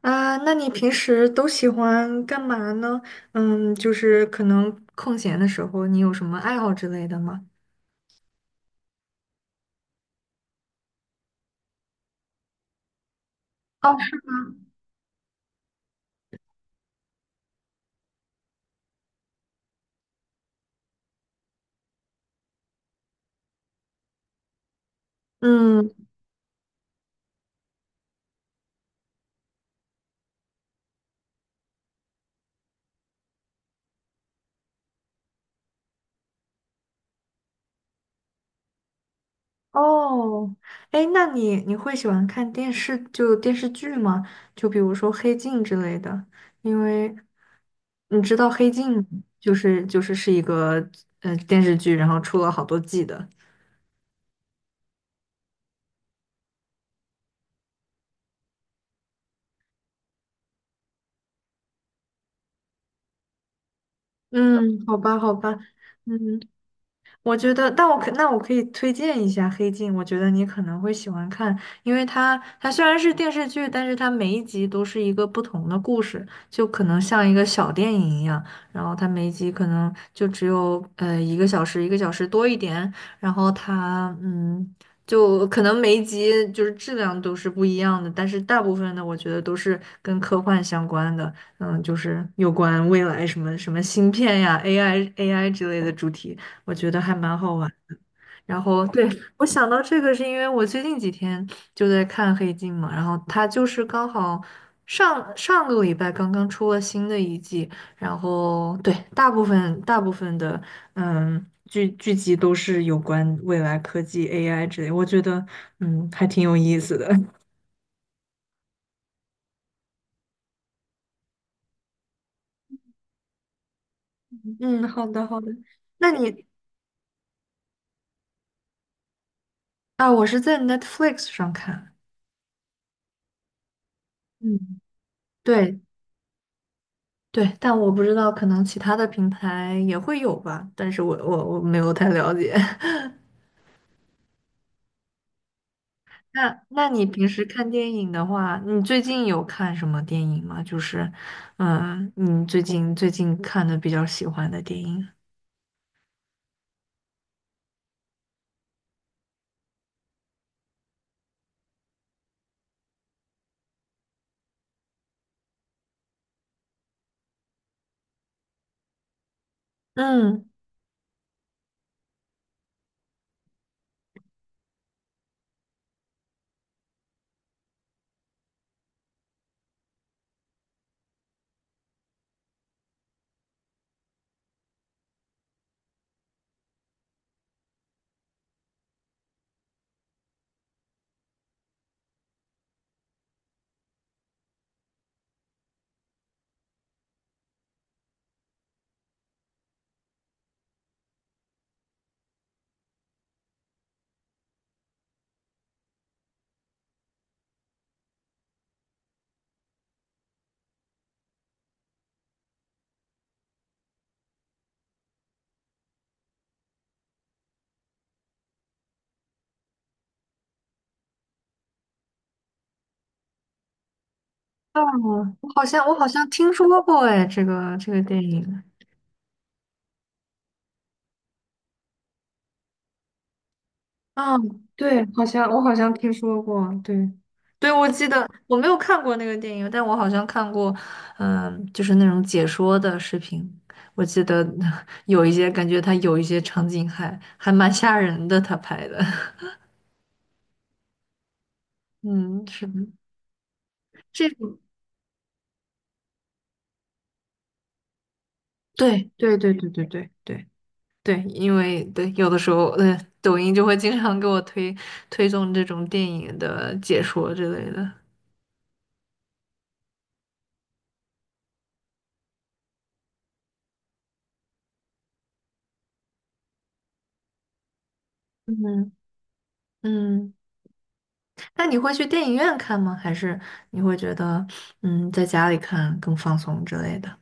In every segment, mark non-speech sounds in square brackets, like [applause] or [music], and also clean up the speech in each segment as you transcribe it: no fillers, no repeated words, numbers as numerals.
啊，那你平时都喜欢干嘛呢？嗯，就是可能空闲的时候，你有什么爱好之类的吗？哦，嗯，哦，哎，那你会喜欢看电视，就电视剧吗？就比如说《黑镜》之类的，因为你知道《黑镜》就是是一个电视剧，然后出了好多季的。嗯，好吧，好吧，嗯，我觉得，但我可那我可以推荐一下《黑镜》，我觉得你可能会喜欢看，因为它虽然是电视剧，但是它每一集都是一个不同的故事，就可能像一个小电影一样。然后它每一集可能就只有一个小时，一个小时多一点。然后它就可能每一集就是质量都是不一样的，但是大部分的我觉得都是跟科幻相关的，嗯，就是有关未来什么什么芯片呀、AI 之类的主题。我觉得还蛮好玩。然后，对，我想到这个是因为我最近几天就在看《黑镜》嘛，然后它就是刚好上上个礼拜刚刚出了新的一季，然后对，大部分的剧集都是有关未来科技 AI 之类，我觉得还挺有意思的。[laughs] 嗯，好的好的，那你啊，我是在 Netflix 上看。嗯，对，对，但我不知道，可能其他的平台也会有吧，但是我没有太了解。[laughs] 那你平时看电影的话，你最近有看什么电影吗？就是，嗯，你最近看的比较喜欢的电影？嗯，哦，我好像听说过哎，这个电影。啊，对，好像我好像听说过，对，对，我记得我没有看过那个电影，但我好像看过，就是那种解说的视频，我记得 [laughs] 有一些感觉他有一些场景还蛮吓人的，他拍的，[laughs] 嗯，是的，这种，对，对，对，对，对，对，对，对，因为对，有的时候，嗯，抖音就会经常给我推送这种电影的解说之类的，嗯嗯。那你会去电影院看吗？还是你会觉得，嗯，在家里看更放松之类的？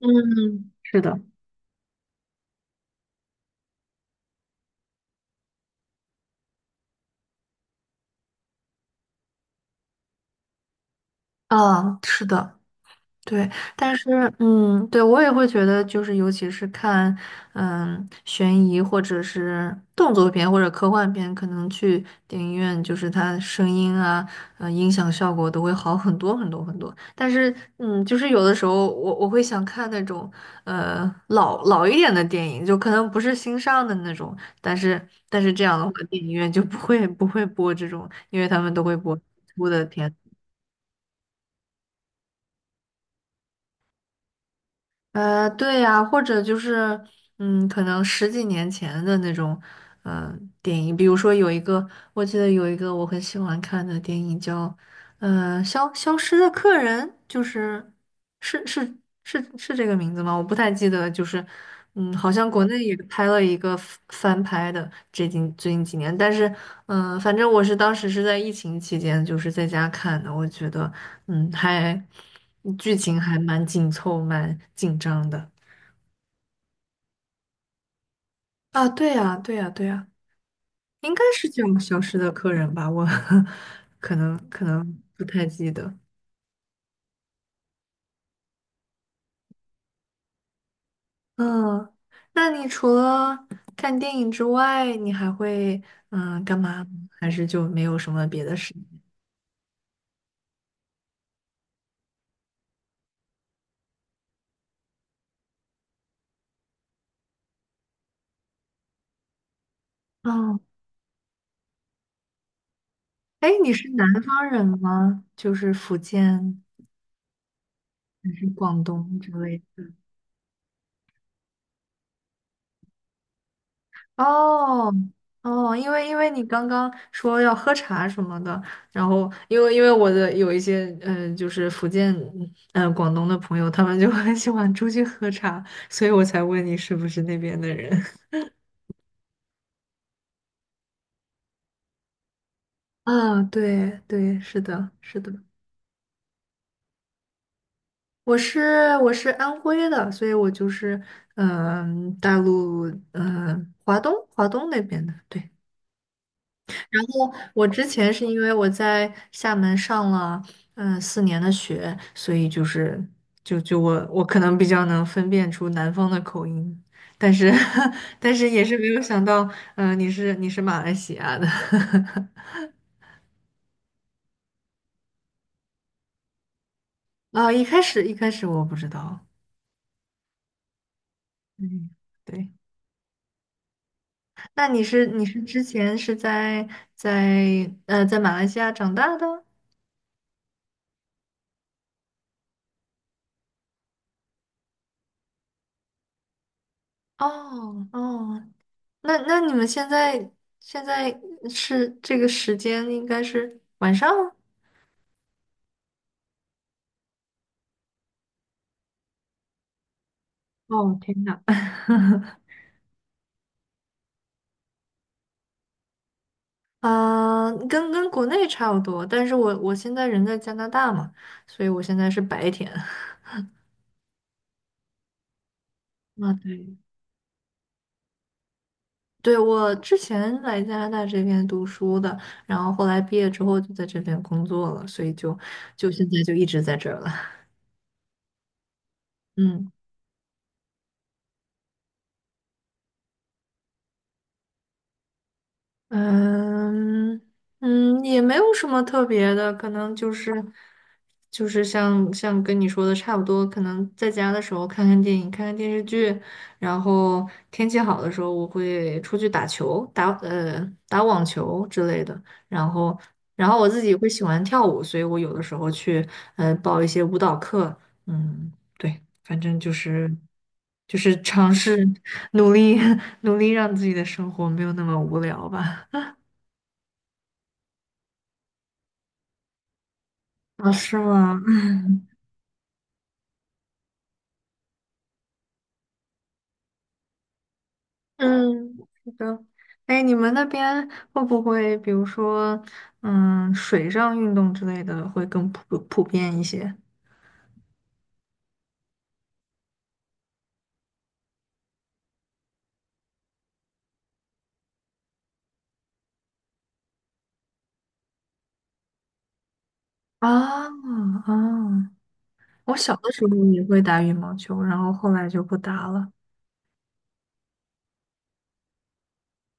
嗯，是的。啊，是的。对，但是，嗯，对，我也会觉得，就是尤其是看，嗯，悬疑或者是动作片或者科幻片，可能去电影院，就是它声音啊，呃，音响效果都会好很多很多很多。但是，嗯，就是有的时候我会想看那种，呃，老一点的电影，就可能不是新上的那种，但是这样的话，电影院就不会播这种，因为他们都会播新出的片。呃，对呀，或者就是，嗯，可能十几年前的那种，呃，电影，比如说有一个，我记得有一个我很喜欢看的电影叫呃，消失的客人，就是是是是这个名字吗？我不太记得，就是嗯，好像国内也拍了一个翻拍的，最近几年，但是反正我是当时是在疫情期间，就是在家看的，我觉得嗯，剧情还蛮紧凑，蛮紧张的。啊，对呀，对呀，对呀，应该是叫《消失的客人》吧？我 [laughs] 可能可能不太记得。嗯，那你除了看电影之外，你还会干嘛呢？还是就没有什么别的事情？哦，哎，你是南方人吗？就是福建还是广东之类的？哦哦，因为你刚刚说要喝茶什么的，然后因为我的有一些就是福建广东的朋友，他们就很喜欢出去喝茶，所以我才问你是不是那边的人。[laughs] 啊，对对，是的，是的。我是安徽的，所以我就是大陆华东那边的，对。然后我之前是因为我在厦门上了4年的学，所以就是就我可能比较能分辨出南方的口音，但是 [laughs] 但是也是没有想到，你是马来西亚的。 [laughs] 一开始我不知道，嗯，对。那你是之前是在马来西亚长大的？哦哦，那你们现在现在是，这个时间应该是晚上吗？哦，天呐，[laughs] 跟国内差不多，但是我现在人在加拿大嘛，所以我现在是白天。[laughs] 啊，对。对，我之前来加拿大这边读书的，然后后来毕业之后就在这边工作了，所以就现在就一直在这儿了。[laughs] 嗯。嗯嗯，也没有什么特别的，可能就是像跟你说的差不多，可能在家的时候看看电影、看看电视剧，然后天气好的时候我会出去打球、打网球之类的，然后我自己会喜欢跳舞，所以我有的时候去呃报一些舞蹈课，嗯，对，反正就是尝试努力 [laughs] 努力让自己的生活没有那么无聊吧。哦，是吗？[laughs] 嗯，是的。哎，你们那边会不会，比如说，嗯，水上运动之类的会更普遍一些？啊啊！我小的时候也会打羽毛球，然后后来就不打了。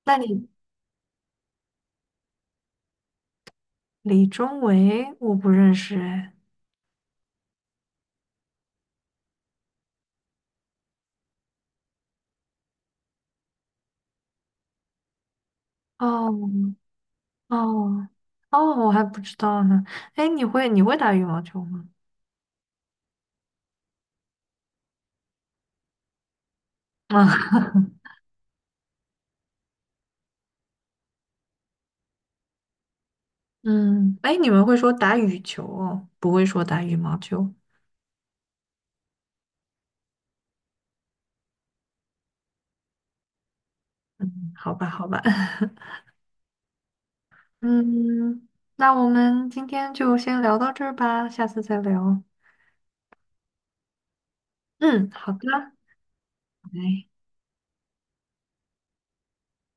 那你李宗伟我不认识哎。哦哦哦，我还不知道呢。哎，你会打羽毛球吗？啊，[laughs] 嗯，哎，你们会说打羽球哦，不会说打羽毛球。好吧，好吧，[laughs] 嗯，那我们今天就先聊到这儿吧，下次再聊。嗯，好的，拜。